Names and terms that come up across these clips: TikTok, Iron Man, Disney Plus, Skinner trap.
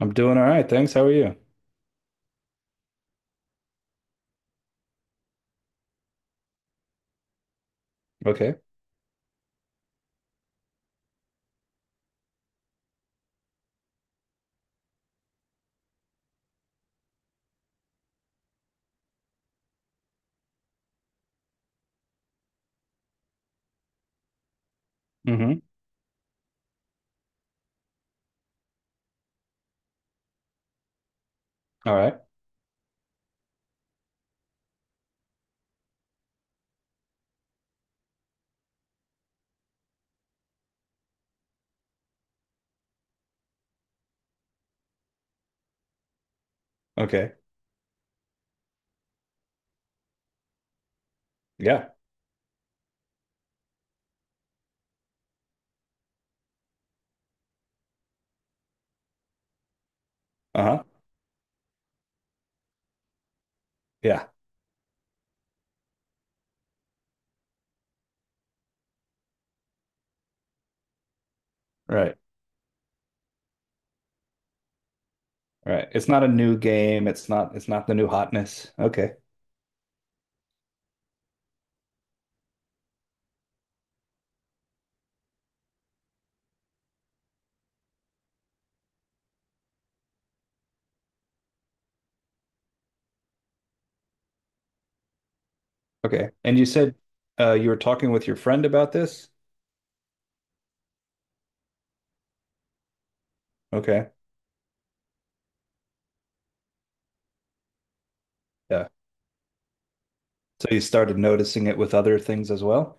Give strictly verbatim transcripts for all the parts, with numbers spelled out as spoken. I'm doing all right, thanks. How are you? Okay. Mm-hmm. All right. Okay. Yeah. Uh-huh. Yeah. Right. Right. It's not a new game. It's not it's not the new hotness. Okay. Okay. And you said uh you were talking with your friend about this? Okay. Yeah. So you started noticing it with other things as well?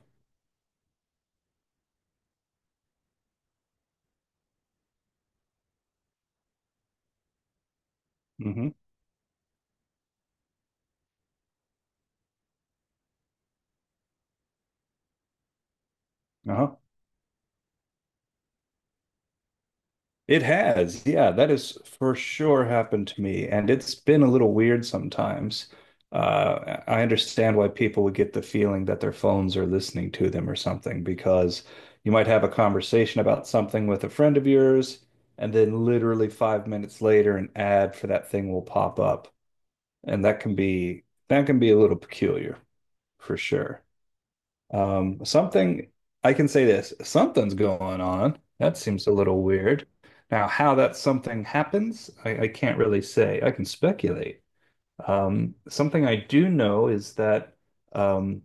Mm-hmm. Uh-huh. It has, yeah, that has for sure happened to me, and it's been a little weird sometimes. Uh, I understand why people would get the feeling that their phones are listening to them or something, because you might have a conversation about something with a friend of yours, and then literally five minutes later, an ad for that thing will pop up, and that can be that can be a little peculiar for sure. Um, something I can say this, something's going on. That seems a little weird. Now, how that something happens, I, I can't really say. I can speculate. Um, something I do know is that um,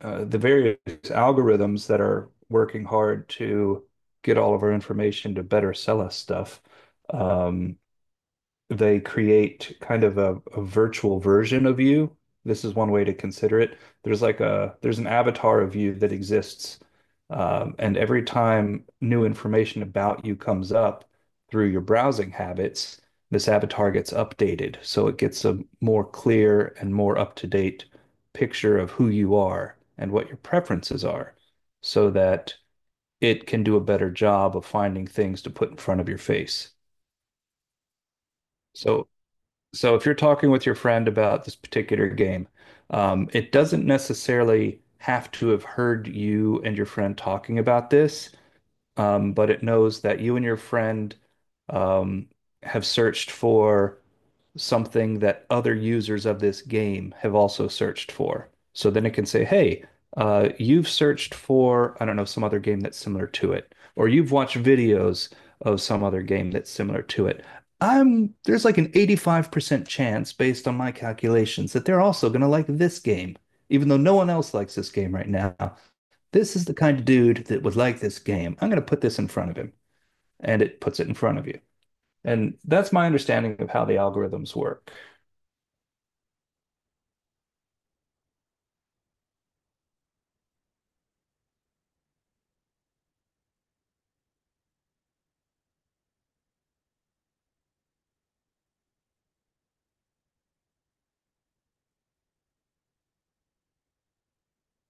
uh, the various algorithms that are working hard to get all of our information to better sell us stuff, um, they create kind of a, a virtual version of you. This is one way to consider it. There's like a there's an avatar of you that exists, um, and every time new information about you comes up through your browsing habits, this avatar gets updated, so it gets a more clear and more up-to-date picture of who you are and what your preferences are, so that it can do a better job of finding things to put in front of your face. So so if you're talking with your friend about this particular game, um, it doesn't necessarily have to have heard you and your friend talking about this, um, but it knows that you and your friend um, have searched for something that other users of this game have also searched for. So then it can say, hey, uh, you've searched for, I don't know, some other game that's similar to it, or you've watched videos of some other game that's similar to it. I'm, there's like an eighty-five percent chance based on my calculations that they're also going to like this game, even though no one else likes this game right now. This is the kind of dude that would like this game. I'm going to put this in front of him, and it puts it in front of you. And that's my understanding of how the algorithms work.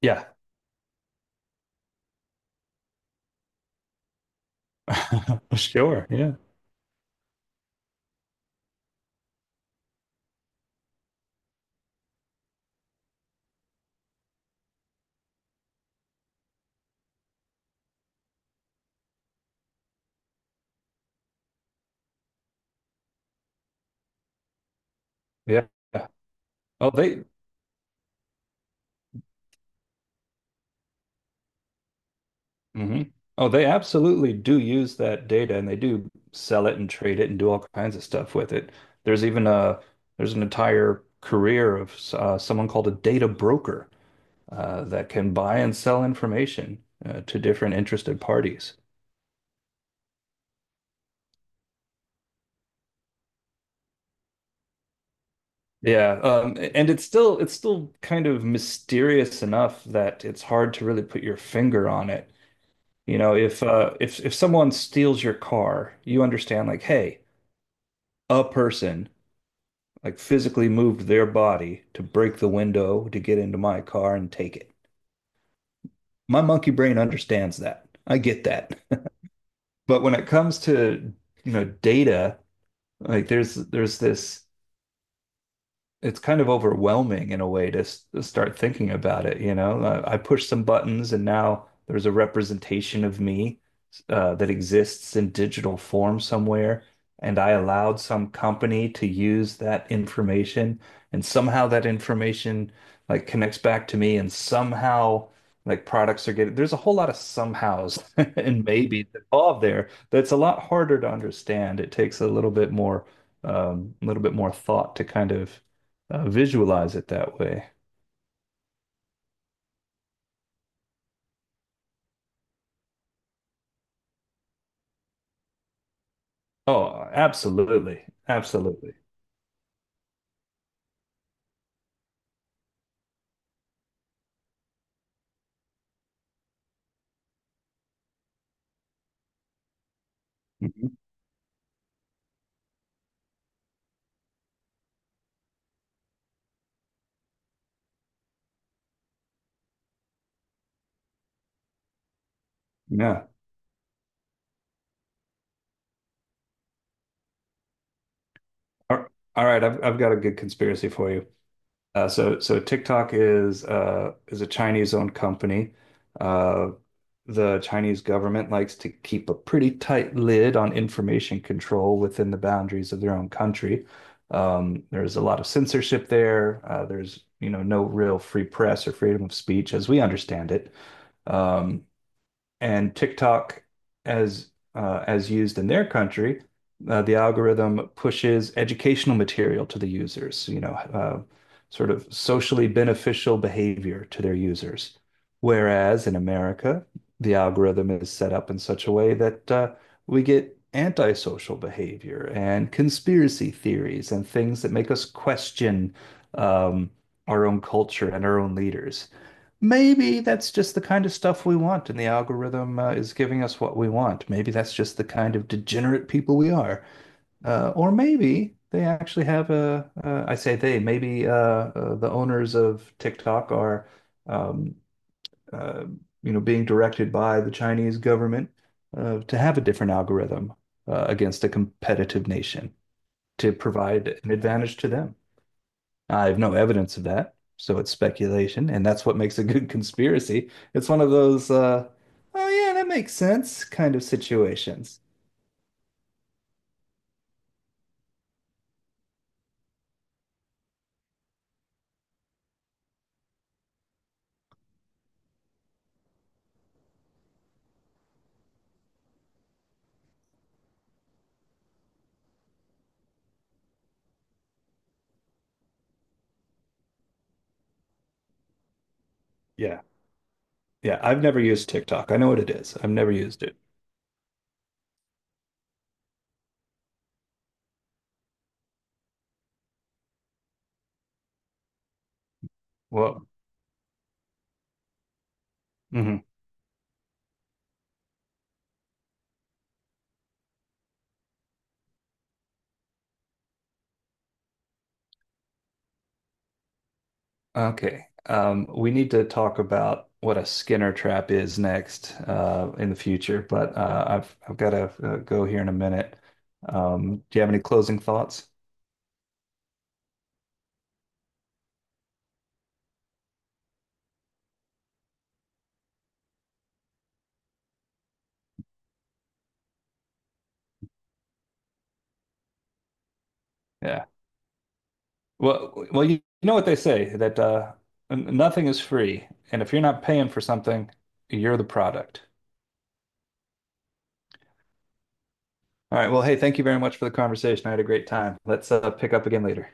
Yeah. Sure. Yeah. Yeah. Oh, they, hmm Oh, they absolutely do use that data and they do sell it and trade it and do all kinds of stuff with it. There's even a there's an entire career of uh, someone called a data broker uh, that can buy and sell information uh, to different interested parties. Yeah, um, and it's still it's still kind of mysterious enough that it's hard to really put your finger on it. You know, if uh if if someone steals your car, you understand like, hey, a person like physically moved their body to break the window to get into my car and take it. My monkey brain understands that. I get that. But when it comes to, you know, data, like there's there's this it's kind of overwhelming in a way to, s- to start thinking about it, you know? I, I push some buttons and now there's a representation of me uh, that exists in digital form somewhere, and I allowed some company to use that information, and somehow that information like connects back to me, and somehow like products are getting there's a whole lot of somehows and maybe involved there that's a lot harder to understand. It takes a little bit more um, a little bit more thought to kind of uh, visualize it that way. Oh, absolutely. Absolutely. Mhm. Yeah. All all right, I've I've got a good conspiracy for you. Uh, so so TikTok is uh is a Chinese-owned company. Uh, the Chinese government likes to keep a pretty tight lid on information control within the boundaries of their own country. Um, there's a lot of censorship there. Uh, there's, you know, no real free press or freedom of speech as we understand it. Um, and TikTok, as uh, as used in their country, uh, the algorithm pushes educational material to the users, you know, uh, sort of socially beneficial behavior to their users. Whereas in America, the algorithm is set up in such a way that uh, we get antisocial behavior and conspiracy theories and things that make us question um, our own culture and our own leaders. Maybe that's just the kind of stuff we want, and the algorithm uh, is giving us what we want. Maybe that's just the kind of degenerate people we are. Uh, or maybe they actually have a, uh, I say they, maybe uh, uh, the owners of TikTok are, um, uh, you know, being directed by the Chinese government uh, to have a different algorithm uh, against a competitive nation to provide an advantage to them. I have no evidence of that, so it's speculation, and that's what makes a good conspiracy. It's one of those, uh, oh yeah, that makes sense kind of situations. Yeah, yeah. I've never used TikTok. I know what it is. I've never used it. Whoa. Hmm. Okay. Um, we need to talk about what a Skinner trap is next, uh, in the future, but uh, I've I've got to uh, go here in a minute. Um, do you have any closing thoughts? Yeah. Well, well, you you know what they say that uh, n- nothing is free, and if you're not paying for something, you're the product. All right. Well, hey, thank you very much for the conversation. I had a great time. Let's uh, pick up again later.